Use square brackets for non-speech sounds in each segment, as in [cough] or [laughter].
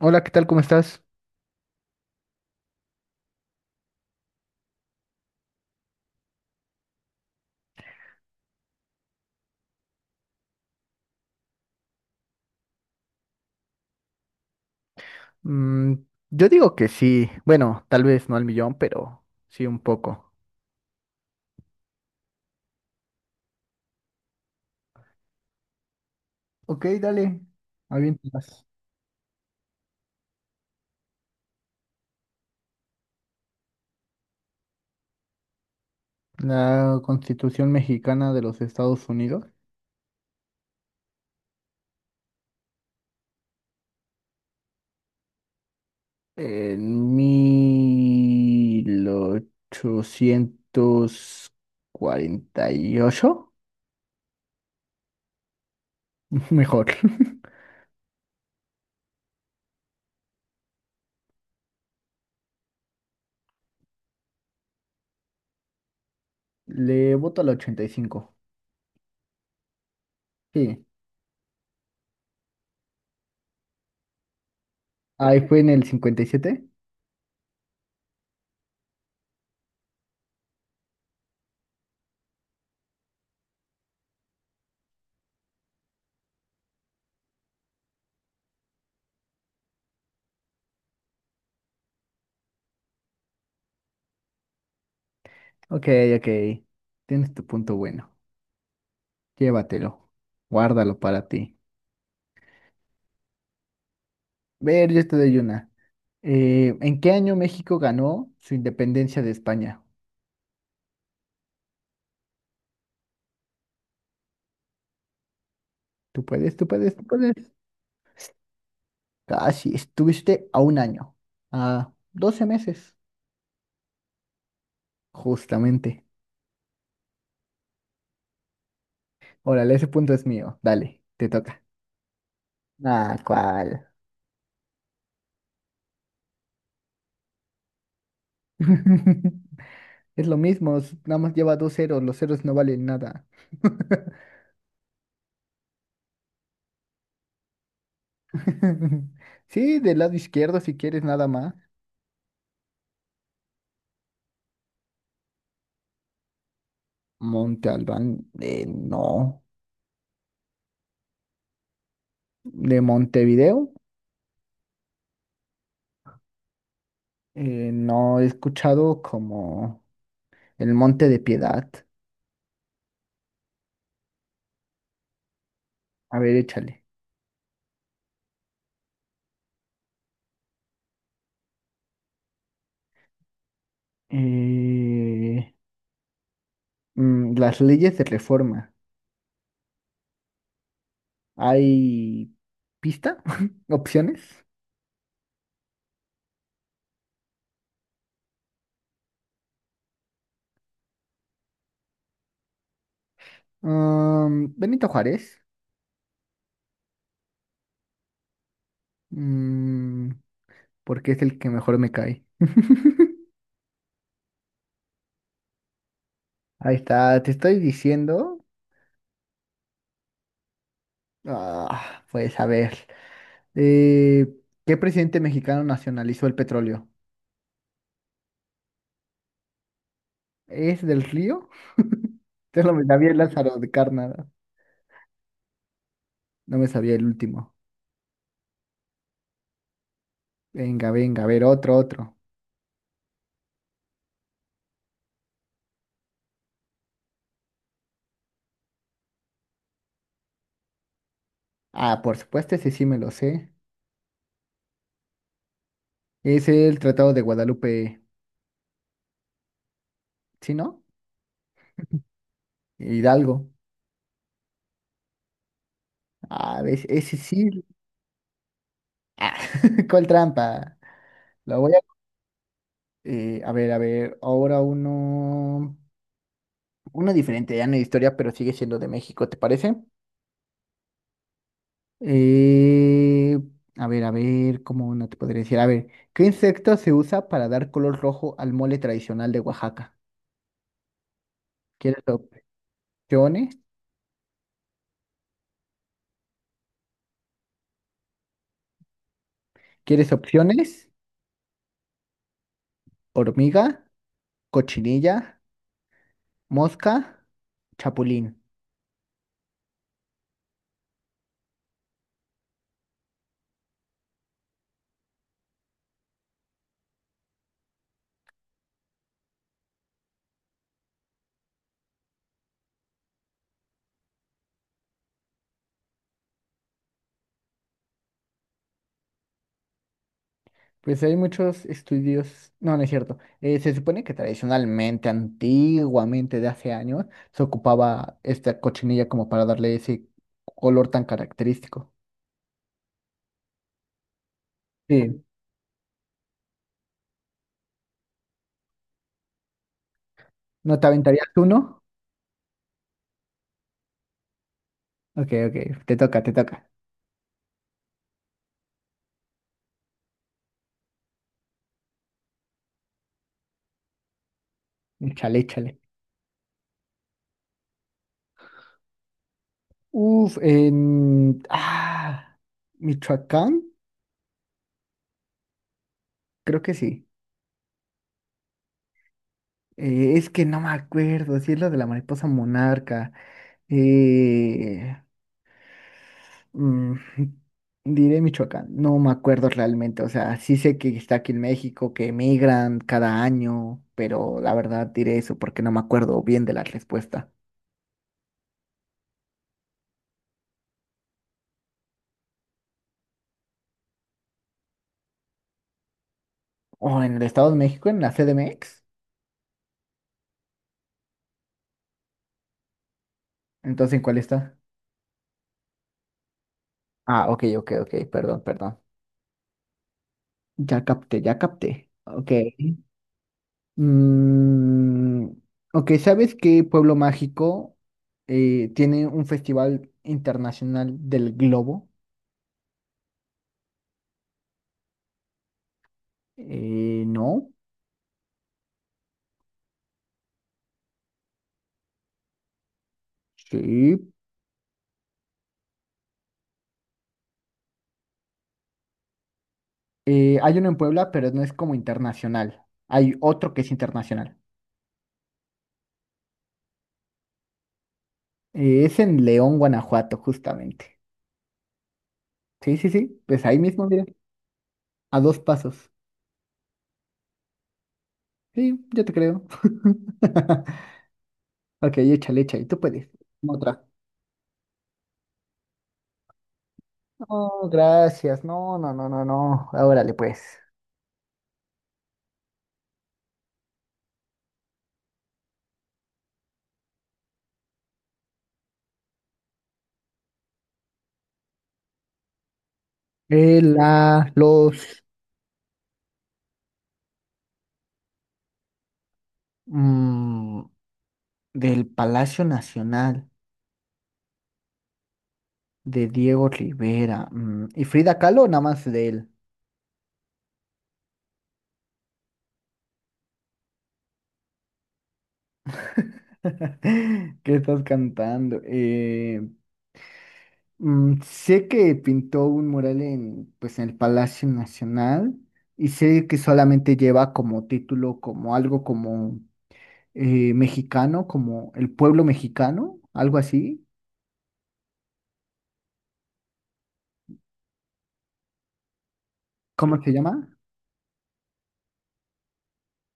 Hola, ¿qué tal? ¿Cómo estás? Mm, yo digo que sí. Bueno, tal vez no al millón, pero sí un poco. Ok, dale. Aviéntalas. La Constitución Mexicana de los Estados Unidos. En 1848. [laughs] Mejor. [laughs] Le voto al 85. Sí. Ahí fue en el 57. Ok, ok. Tienes tu punto bueno. Llévatelo. Guárdalo para ti. Ver, yo te doy una. ¿En qué año México ganó su independencia de España? Tú puedes, tú puedes, tú puedes. Casi, estuviste a un año, a 12 meses, justamente. Órale, ese punto es mío. Dale, te toca. Ah, ¿cuál? [laughs] Es lo mismo, nada más lleva dos ceros, los ceros no valen nada. [laughs] Sí, del lado izquierdo si quieres nada más. Monte Albán, no. ¿De Montevideo? No he escuchado como El Monte de Piedad. A ver, échale. Eh, las leyes de reforma. ¿Hay pista? [laughs] ¿Opciones? Benito Juárez. Mm, porque es el que mejor me cae. [laughs] Ahí está, te estoy diciendo. Ah, pues a ver. Eh, ¿Qué presidente mexicano nacionalizó el petróleo? ¿Es del Río? [laughs] Te lo me sabía el Lázaro de Cárdenas. No me sabía el último. Venga, venga, a ver, otro, otro. Ah, por supuesto, ese sí me lo sé. Es el Tratado de Guadalupe, ¿sí, no? Hidalgo. Ah, ves, ese sí. Ah, [laughs] ¿cuál trampa? Lo voy a. A ver, a ver, ahora uno diferente, ya no es historia, pero sigue siendo de México, ¿te parece? Eh, a ver, ¿cómo no te podría decir? A ver, ¿qué insecto se usa para dar color rojo al mole tradicional de Oaxaca? ¿Quieres opciones? ¿Quieres opciones? Hormiga, cochinilla, mosca, chapulín. Pues hay muchos estudios, no, no es cierto. Se supone que tradicionalmente, antiguamente, de hace años, se ocupaba esta cochinilla como para darle ese color tan característico. Sí. ¿No te aventarías uno? Ok, ok, te toca, te toca. Échale, échale. Uf, ah, Michoacán, creo que sí. Es que no me acuerdo, si es lo de la mariposa monarca. Eh, mm, diré Michoacán, no me acuerdo realmente, o sea, sí sé que está aquí en México, que emigran cada año, pero la verdad diré eso porque no me acuerdo bien de la respuesta. ¿O en el Estado de México, en la CDMX? Entonces, ¿en cuál está? Ah, ok, ok, ok, perdón, perdón. Ya capté, ya capté. Ok. Mm, ok, ¿sabes qué pueblo mágico tiene un festival internacional del globo? No. Sí. Hay uno en Puebla, pero no es como internacional. Hay otro que es internacional. Es en León, Guanajuato, justamente. Sí, sí, sí. Pues ahí mismo, mira. A dos pasos. Sí, yo te creo. [laughs] Ok, échale, échale. Tú puedes. Otra. No, gracias. No, no, no, no, no. Órale, pues. Los mm, del Palacio Nacional de Diego Rivera y Frida Kahlo, nada más de él. [laughs] ¿Qué estás cantando? Sé que pintó un mural en, pues, en el Palacio Nacional y sé que solamente lleva como título, como algo como mexicano, como el pueblo mexicano, algo así. ¿Cómo se llama?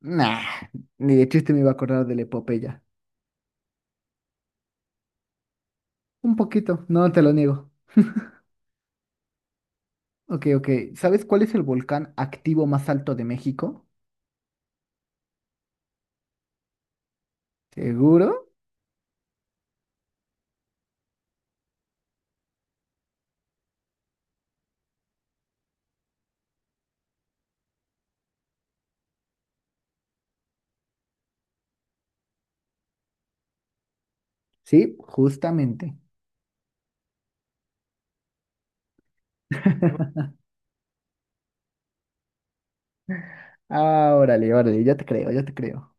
Nah, ni de chiste me iba a acordar de la epopeya. Un poquito, no te lo niego. Ok, ok. ¿Sabes cuál es el volcán activo más alto de México? ¿Seguro? Sí, justamente. [laughs] Ah, órale, órale, ya te creo, ya te creo.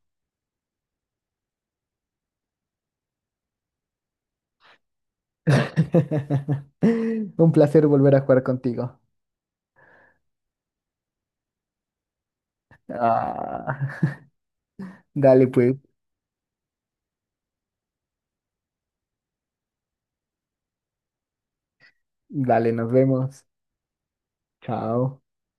[laughs] Un placer volver a jugar contigo. Ah, [laughs] dale, pues, dale, nos vemos. Chao.